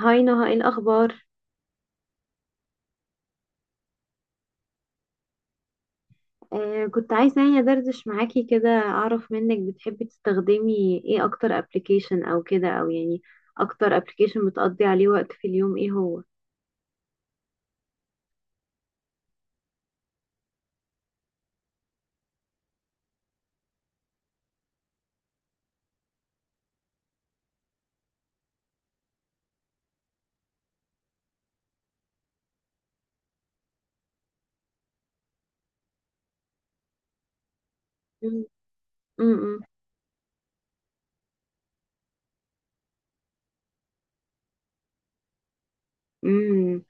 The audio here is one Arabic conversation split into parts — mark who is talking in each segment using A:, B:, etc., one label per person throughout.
A: هاي نهى، ايه الاخبار؟ كنت عايزه يعني ادردش معاكي كده اعرف منك، بتحبي تستخدمي ايه اكتر ابلكيشن او كده او يعني اكتر ابلكيشن بتقضي عليه وقت في اليوم؟ ايه هو؟ مم. امم. امم.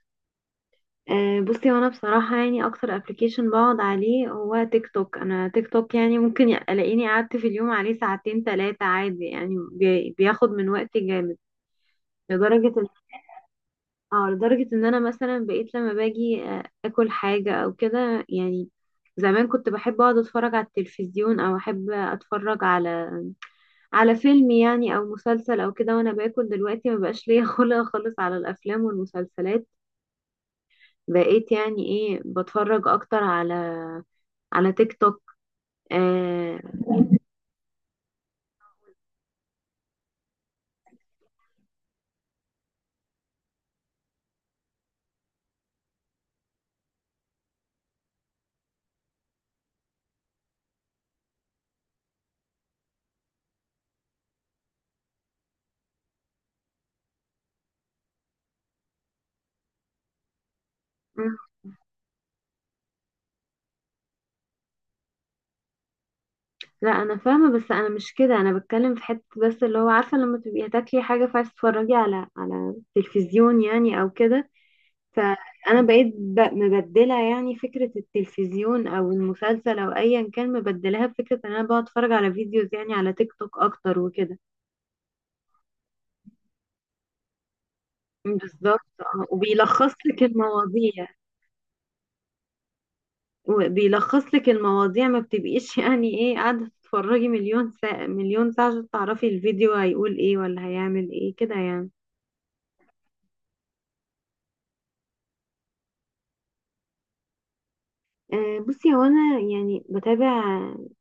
A: آه، بصي، وانا بصراحه يعني اكتر ابلكيشن بقعد عليه هو تيك توك. انا تيك توك يعني ممكن الاقيني قعدت في اليوم عليه ساعتين ثلاثه عادي يعني بياخد من وقتي جامد لدرجه. اه، لدرجة ان انا مثلا بقيت لما باجي اكل حاجة او كده يعني. زمان كنت بحب اقعد اتفرج على التلفزيون او احب اتفرج على فيلم يعني او مسلسل او كده وانا باكل. دلوقتي ما بقاش ليا خلق خالص على الافلام والمسلسلات. بقيت يعني ايه بتفرج اكتر على تيك توك. آه. مم. لا، انا فاهمة، بس انا مش كده. انا بتكلم في حتة بس اللي هو عارفة لما تبقي هتاكلي حاجة فعايز تتفرجي على التلفزيون يعني او كده. فانا بقيت مبدله يعني فكره التلفزيون او المسلسل او ايا كان، مبدلاها بفكره ان انا بقعد اتفرج على فيديوز يعني على تيك توك اكتر وكده. بالظبط، اه وبيلخص لك المواضيع. وبيلخص لك المواضيع، ما بتبقيش يعني ايه قاعده تتفرجي مليون ساعه مليون ساعه عشان تعرفي الفيديو هيقول ايه ولا هيعمل ايه كده يعني. آه، بصي، هو انا يعني بتابع.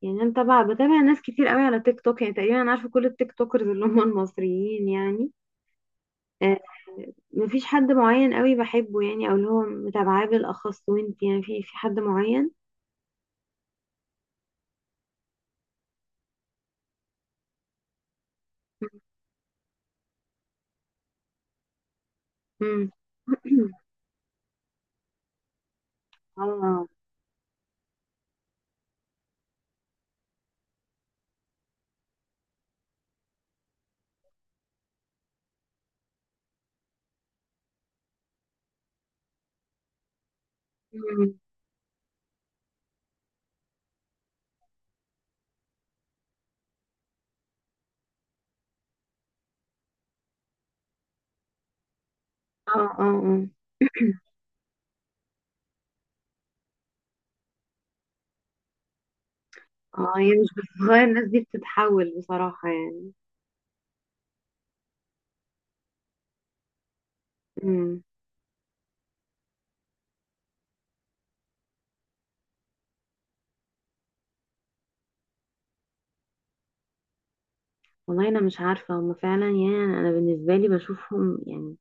A: يعني انا طبعا بتابع ناس كتير قوي على تيك توك، يعني تقريبا انا عارفه كل التيك توكرز اللي هم المصريين يعني. آه. مفيش حد معين قوي بحبه يعني او اللي هو متابعاه بالاخص. وانت يعني في حد معين؟ امم. اه. مم. اه، اه، اه. اه هي مش بتتغير، الناس دي بتتحول بصراحة يعني. امم. والله انا مش عارفة هما فعلا. يعني انا بالنسبة لي بشوفهم يعني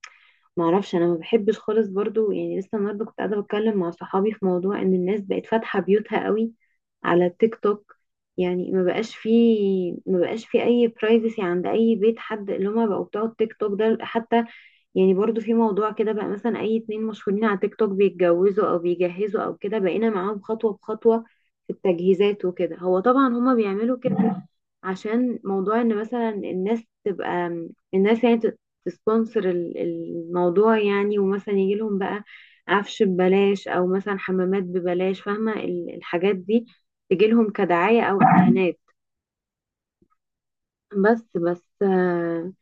A: معرفش. انا ما بحبش خالص برضو يعني لسه النهارده كنت قاعده بتكلم مع صحابي في موضوع ان الناس بقت فاتحه بيوتها قوي على التيك توك. يعني ما بقاش فيه، ما بقاش فيه اي برايفسي عند اي بيت حد اللي هما بقوا بتوع التيك توك ده حتى. يعني برضو في موضوع كده بقى مثلا اي اتنين مشهورين على تيك توك بيتجوزوا او بيجهزوا او كده بقينا معاهم خطوة بخطوة في التجهيزات وكده. هو طبعا هما بيعملوا كده عشان موضوع ان مثلا الناس تبقى الناس يعني تسبونسر الموضوع يعني، ومثلا يجي لهم بقى عفش ببلاش او مثلا حمامات ببلاش، فاهمة الحاجات دي تجي لهم كدعاية او اعلانات. بس.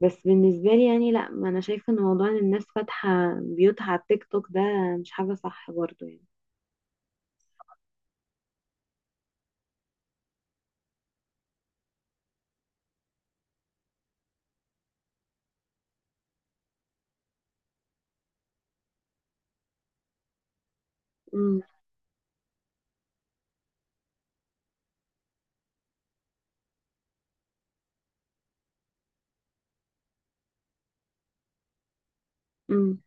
A: بس بالنسبة لي يعني لا، ما انا شايفة ان موضوع ان الناس فاتحة بيوتها على التيك توك ده مش حاجة صح برضو يعني. امم. امم.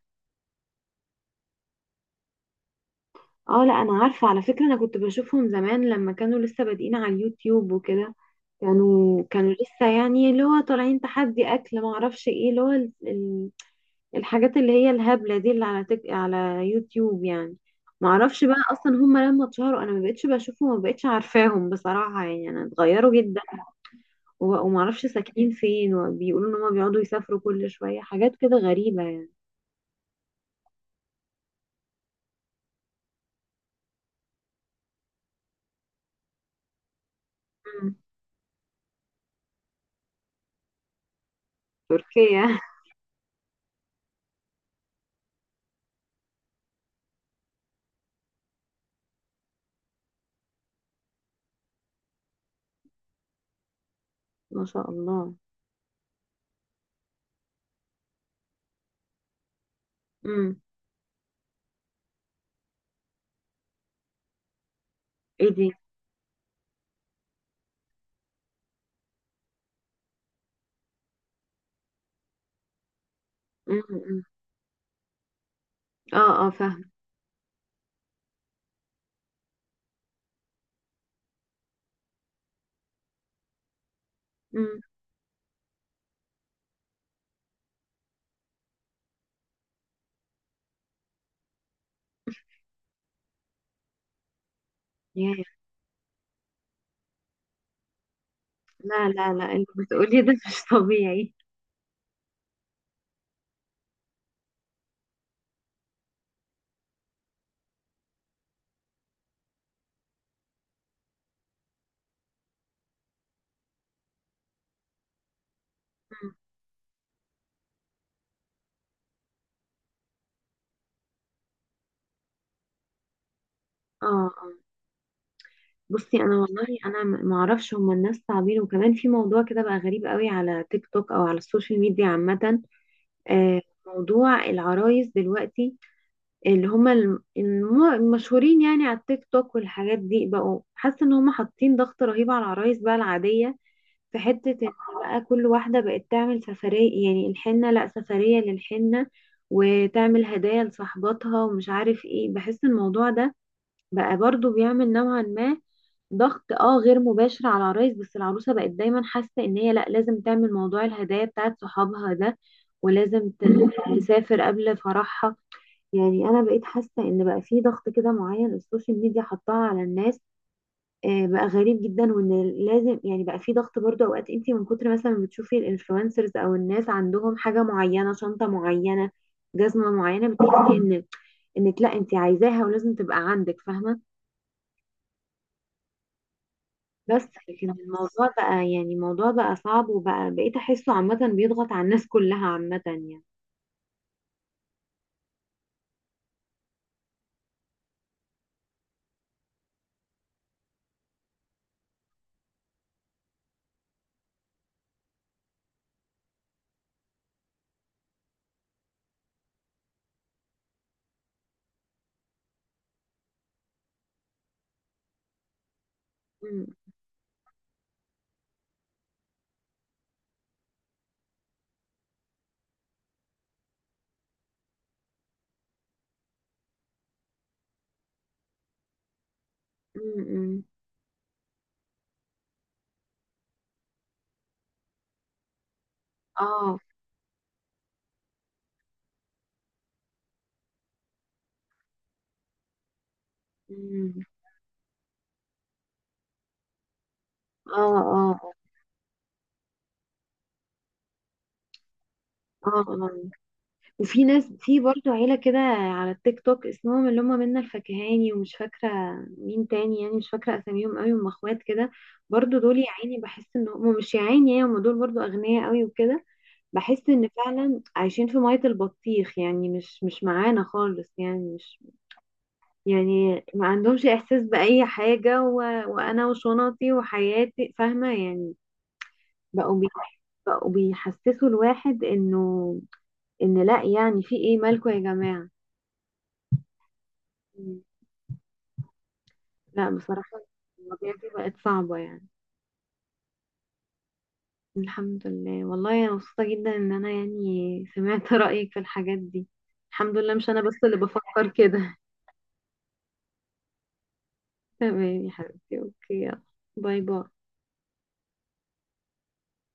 A: اه، لا، انا عارفة على فكرة. انا كنت بشوفهم زمان لما كانوا لسه بادئين على اليوتيوب وكده. كانوا لسه يعني اللي هو طالعين تحدي اكل ما اعرفش ايه اللي هو الحاجات اللي هي الهبلة دي اللي على على يوتيوب يعني. ما اعرفش بقى اصلا هم لما اتشهروا انا ما بقتش بشوفهم، ما بقتش عارفاهم بصراحة يعني. انا اتغيروا جدا. ومعرفش ساكنين فين، وبيقولوا ان هما بيقعدوا يسافروا كل شوية، حاجات كده غريبة يعني. مم. تركيا ما شاء الله. مم. ايه دي؟ مم، مم. اه، اه، فاهم. مم. ياه. لا، لا، لا، اللي بتقولي ده مش طبيعي. مم. اه، اه، بصي انا والله انا ما اعرفش. هما الناس صعبين. وكمان في موضوع كده بقى غريب قوي على تيك توك او على السوشيال ميديا عامة. آه. موضوع العرايس دلوقتي اللي هما المشهورين يعني على التيك توك والحاجات دي، بقوا حاسه ان هما حاطين ضغط رهيب على العرايس بقى العاديه. في حته ان بقى كل واحده بقت تعمل سفريه، يعني الحنه، لا سفريه للحنه، وتعمل هدايا لصاحباتها ومش عارف ايه. بحس الموضوع ده بقى برضو بيعمل نوعا ما ضغط غير مباشر على العرايس. بس العروسه بقت دايما حاسه ان هي لا، لازم تعمل موضوع الهدايا بتاعت صحابها ده، ولازم تسافر قبل فرحها. يعني انا بقيت حاسه ان بقى في ضغط كده معين السوشيال ميديا حطها على الناس. بقى غريب جدا. وان لازم يعني بقى في ضغط برضه اوقات، انت من كتر مثلا ما بتشوفي الانفلونسرز او الناس عندهم حاجه معينه، شنطه معينه، جزمه معينه، بتحسي ان انك لا، انت عايزاها ولازم تبقى عندك، فاهمه. بس. لكن الموضوع بقى يعني الموضوع بقى صعب، وبقى بقيت احسه عامه بيضغط على الناس كلها عامه يعني. م- م. اه، م. اه، اه، اه، اه. وفي ناس، في برضو عيلة كده على التيك توك اسمهم اللي هم منا الفكهاني ومش فاكرة مين تاني، يعني مش فاكرة أساميهم قوي. هم اخوات كده برضو. دول يا عيني بحس ان هم مش، يا عيني يعني هم دول برضو أغنياء قوي وكده. بحس ان فعلا عايشين في مية البطيخ يعني، مش معانا خالص يعني، مش يعني ما عندهمش إحساس بأي حاجة و... وأنا وشنطي وحياتي، فاهمة يعني. بقوا بي... بقوا بيحسسوا الواحد انه ان لا، يعني في ايه مالكوا يا جماعة؟ لا، بصراحة المواضيع دي بقت صعبة يعني. الحمد لله. والله أنا مبسوطة جدا إن أنا يعني سمعت رأيك في الحاجات دي. الحمد لله مش أنا بس اللي بفكر كده. تمام يا حبيبتي، أوكي، يلا. باي باي.